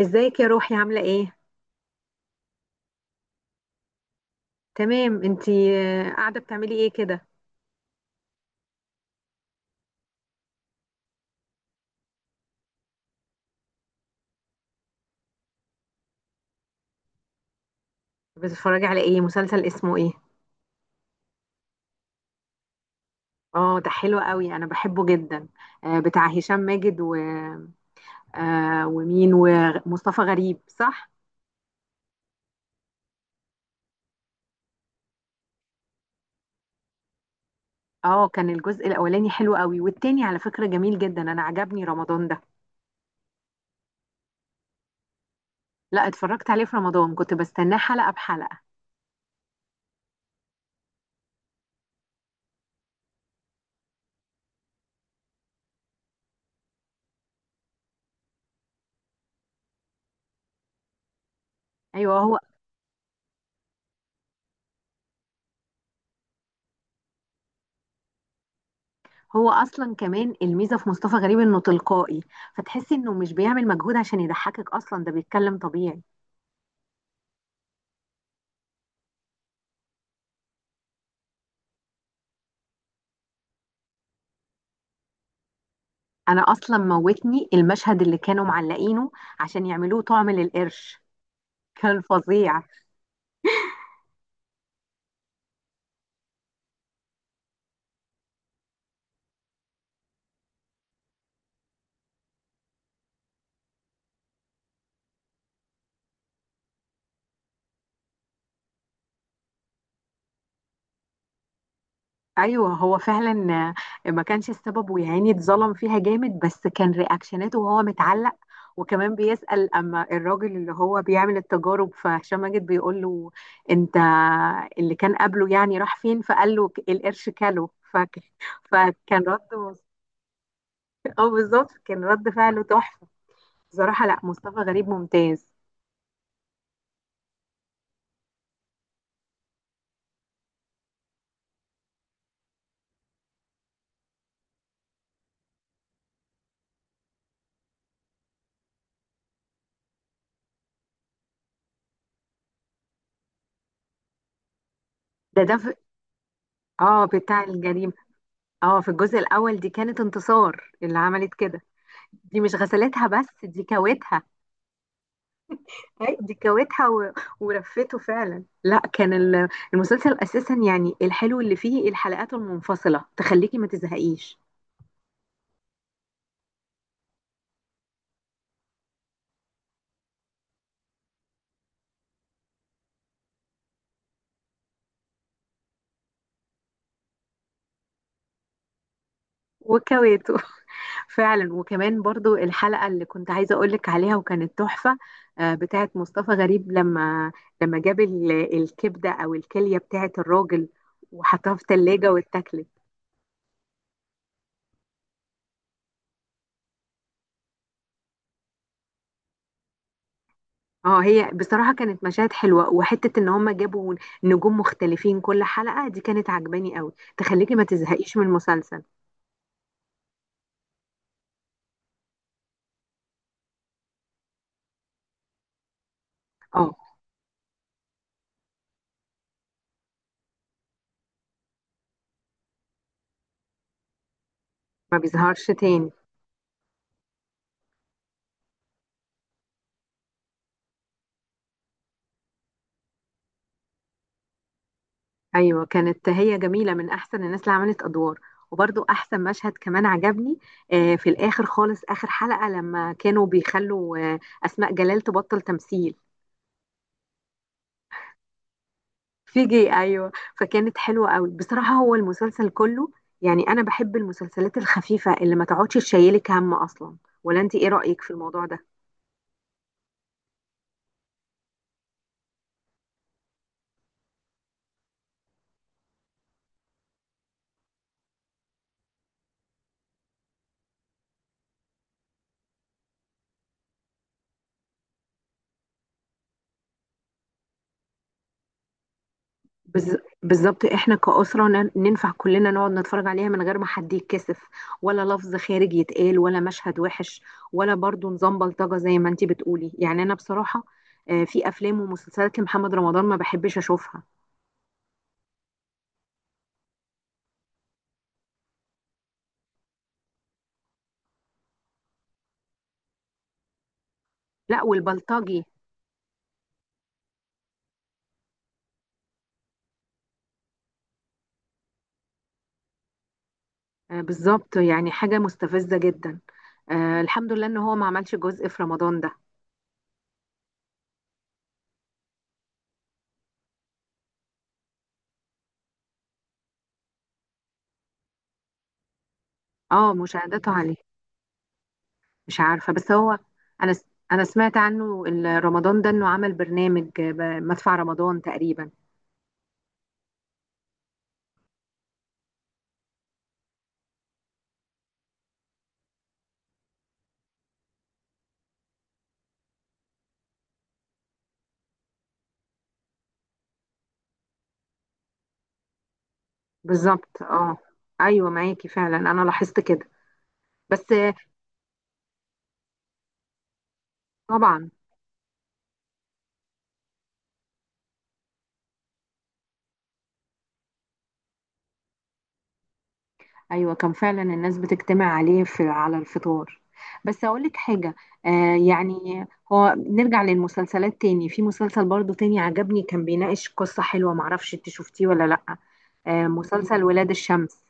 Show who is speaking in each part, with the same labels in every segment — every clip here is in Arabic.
Speaker 1: ازيك يا روحي عاملة ايه؟ تمام انتي. قاعدة بتعملي ايه كده؟ بتتفرجي على ايه؟ مسلسل اسمه ايه؟ اه، ده حلو قوي انا بحبه جدا. بتاع هشام ماجد و... آه، ومين ومصطفى غريب صح؟ اه، كان الجزء الاولاني حلو قوي، والتاني على فكرة جميل جدا، انا عجبني رمضان ده. لا، اتفرجت عليه في رمضان، كنت بستناه حلقة بحلقة. ايوه هو. هو اصلا كمان الميزة في مصطفى غريب انه تلقائي، فتحسي انه مش بيعمل مجهود عشان يضحكك، اصلا ده بيتكلم طبيعي. انا اصلا موتني المشهد اللي كانوا معلقينه عشان يعملوه طعم للقرش، كان فظيع. ايوه هو فعلا. ما كانش السبب ويا عيني اتظلم فيها جامد، بس كان رياكشناته وهو متعلق، وكمان بيسأل. اما الراجل اللي هو بيعمل التجارب فهشام ماجد بيقول له: انت اللي كان قبله يعني راح فين؟ فقال له: القرش كله فك..." فكان رد. اه بالظبط، كان رد فعله تحفة. بصراحة لا، مصطفى غريب ممتاز. ده ده في- اه، بتاع الجريمة. اه في الجزء الاول، دي كانت انتصار اللي عملت كده. دي مش غسلتها، بس دي كوتها. أي، دي كوتها و... ورفته فعلا. لا، كان المسلسل اساسا يعني الحلو اللي فيه الحلقات المنفصله تخليكي ما تزهقيش. وكويته. فعلا. وكمان برضو الحلقة اللي كنت عايزة أقولك عليها وكانت تحفة، بتاعت مصطفى غريب، لما جاب الكبدة أو الكلية بتاعت الراجل، وحطها في تلاجة واتاكلت. اه، هي بصراحة كانت مشاهد حلوة، وحتة ان هم جابوا نجوم مختلفين كل حلقة، دي كانت عجباني قوي، تخليكي ما تزهقيش من المسلسل. اه، ما بيظهرش تاني. ايوه كانت هي جميلة، من احسن الناس اللي عملت ادوار. وبرضو احسن مشهد كمان عجبني، في الاخر خالص، اخر حلقة لما كانوا بيخلوا اسماء جلال تبطل تمثيل. فيجي، ايوه. فكانت حلوه قوي بصراحه، هو المسلسل كله يعني انا بحب المسلسلات الخفيفه اللي ما تقعدش تشيلك هم اصلا. ولا انت ايه رايك في الموضوع ده؟ بالظبط، احنا كأسرة ننفع كلنا نقعد نتفرج عليها من غير ما حد يتكسف، ولا لفظ خارج يتقال، ولا مشهد وحش، ولا برضو نظام بلطجة زي ما انت بتقولي. يعني انا بصراحة، في افلام ومسلسلات لمحمد رمضان ما بحبش اشوفها. لا، والبلطجي. بالظبط، يعني حاجة مستفزة جدا. آه، الحمد لله ان هو ما عملش جزء في رمضان ده. اه، مشاهداته عليه. مش عارفة، بس هو انا س- انا سمعت عنه رمضان ده انه عمل برنامج، مدفع رمضان تقريبا. بالظبط اه. ايوه معاكي فعلا، انا لاحظت كده. بس طبعا. ايوه كان فعلا الناس بتجتمع عليه في على الفطار. بس اقول لك حاجه، يعني هو نرجع للمسلسلات تاني، في مسلسل برضو تاني عجبني، كان بيناقش قصه حلوه، معرفش انت شفتيه ولا لا. آه، مسلسل ولاد الشمس.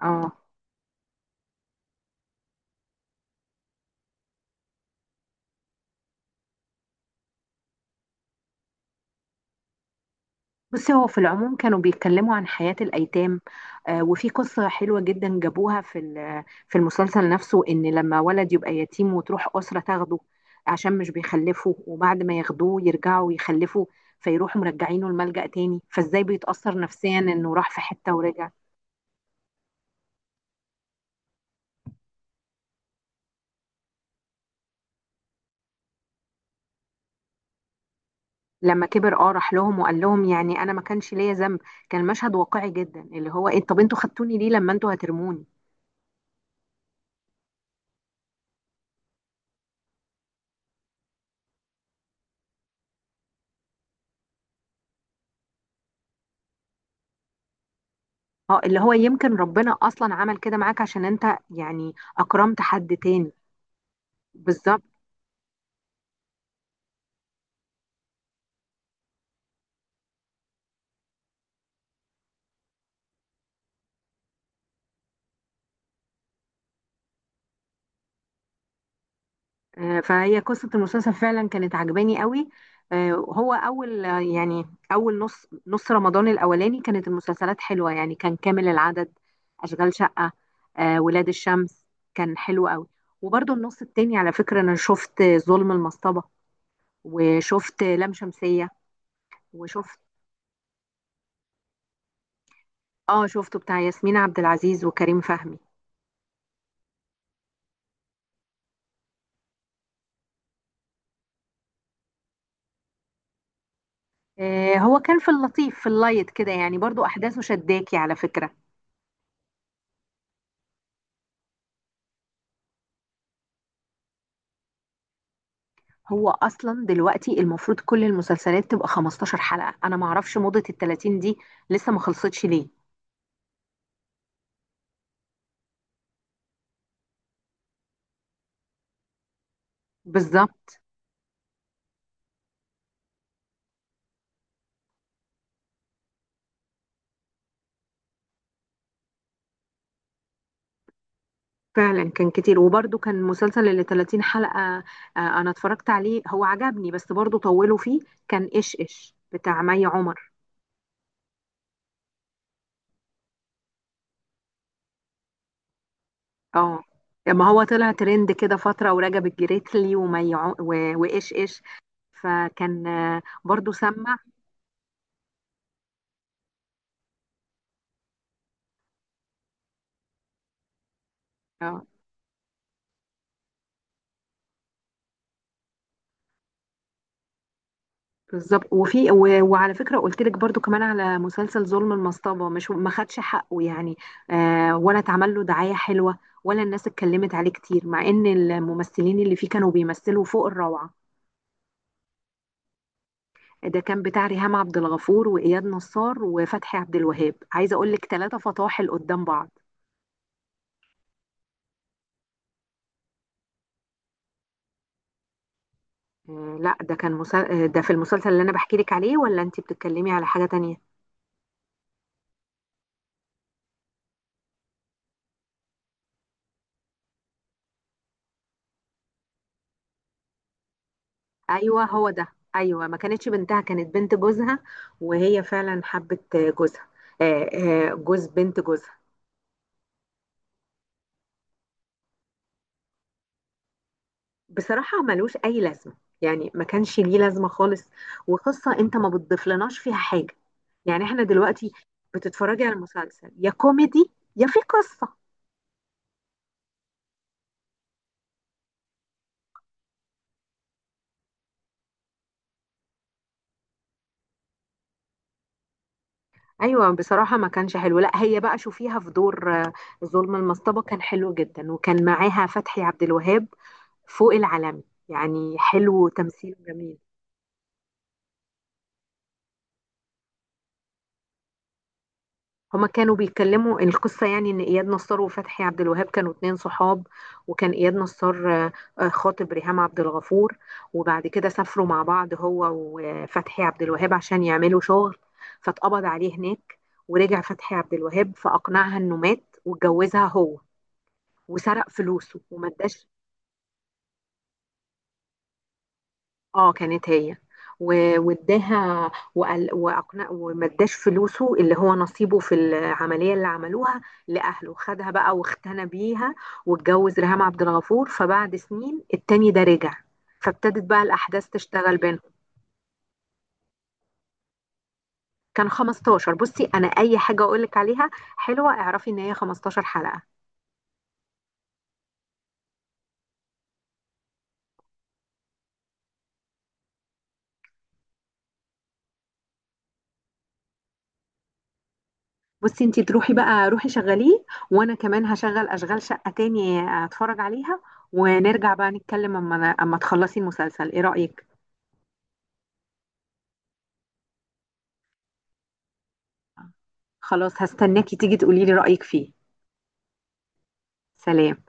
Speaker 1: اه، بصي هو في العموم كانوا بيتكلموا عن حياة الأيتام. وفي قصة حلوة جدا جابوها في في المسلسل نفسه، إن لما ولد يبقى يتيم وتروح أسرة تاخده عشان مش بيخلفه، وبعد ما ياخدوه يرجعوا يخلفوا، فيروحوا مرجعينه الملجأ تاني، فإزاي بيتأثر نفسيا إنه راح في حتة ورجع. لما كبر، اه، راح لهم وقال لهم يعني أنا ما كانش ليا ذنب. كان مشهد واقعي جدا، اللي هو إيه، طب أنتوا خدتوني ليه لما أنتوا هترموني؟ اه، اللي هو يمكن ربنا أصلا عمل كده معاك عشان أنت يعني أكرمت حد تاني. بالظبط. فهي قصة المسلسل فعلا كانت عجباني قوي. آه، هو أول آه، يعني أول نص نص رمضان الأولاني كانت المسلسلات حلوة يعني كان كامل العدد: أشغال شقة، ولاد الشمس، كان حلو قوي. وبرضه النص التاني على فكرة أنا شفت ظلم المصطبة، وشفت لام شمسية، وشفت. اه، شفته بتاع ياسمين عبد العزيز وكريم فهمي. هو كان في اللطيف في اللايت كده، يعني برضه أحداثه شداكي على فكرة. هو اصلا دلوقتي المفروض كل المسلسلات تبقى 15 حلقة، انا ما اعرفش موضة ال 30 دي، لسه ما خلصتش ليه. بالظبط. فعلا كان كتير، وبرده كان مسلسل اللي 30 حلقة، انا اتفرجت عليه، هو عجبني بس برده طولوا فيه. كان ايش ايش بتاع مي عمر. اه، ما هو طلع ترند كده فترة، ورجب الجريتلي ومي عم... و... وايش ايش. فكان برده سمع آه. بالظبط. وفي وعلى فكره قلت لك برضو كمان على مسلسل ظلم المصطبه، مش ما خدش حقه يعني، آه، ولا اتعمل له دعايه حلوه، ولا الناس اتكلمت عليه كتير، مع ان الممثلين اللي فيه كانوا بيمثلوا فوق الروعه. ده كان بتاع ريهام عبد الغفور واياد نصار وفتحي عبد الوهاب، عايزه اقول لك ثلاثه فطاحل قدام بعض. لا، ده كان مسل... آه، ده في المسلسل اللي انا بحكي لك عليه، ولا انت بتتكلمي على حاجه تانية؟ ايوه هو ده. ايوه، ما كانتش بنتها، كانت بنت جوزها، وهي فعلا حبت جوزها. آه، جوز بنت جوزها. بصراحه ملوش اي لازمه، يعني ما كانش ليه لازمه خالص. وقصه انت ما بتضيفلناش فيها حاجه. يعني احنا دلوقتي بتتفرجي على المسلسل يا كوميدي يا في قصه. ايوه بصراحه ما كانش حلو. لا، هي بقى شوفيها في دور ظلم المصطبه، كان حلو جدا، وكان معاها فتحي عبد الوهاب فوق العالمي، يعني حلو وتمثيله جميل. هما كانوا بيتكلموا القصة يعني إن إياد نصار وفتحي عبد الوهاب كانوا اتنين صحاب، وكان إياد نصار خاطب ريهام عبد الغفور، وبعد كده سافروا مع بعض هو وفتحي عبد الوهاب عشان يعملوا شغل، فاتقبض عليه هناك. ورجع فتحي عبد الوهاب، فأقنعها إنه مات واتجوزها هو، وسرق فلوسه وما اداش. اه كانت هي. واداها، وقال واقنع وما اداش فلوسه اللي هو نصيبه في العمليه اللي عملوها لاهله، خدها بقى واختنى بيها، واتجوز ريهام عبد الغفور. فبعد سنين التاني ده رجع، فابتدت بقى الاحداث تشتغل بينهم. كان 15. بصي، انا اي حاجه اقول لك عليها حلوه اعرفي ان هي 15 حلقه. بصي، انتي تروحي بقى روحي شغليه، وانا كمان هشغل اشغال شقه تاني اتفرج عليها، ونرجع بقى نتكلم اما تخلصي المسلسل. ايه رايك؟ خلاص، هستناكي تيجي تقولي لي رأيك فيه. سلام.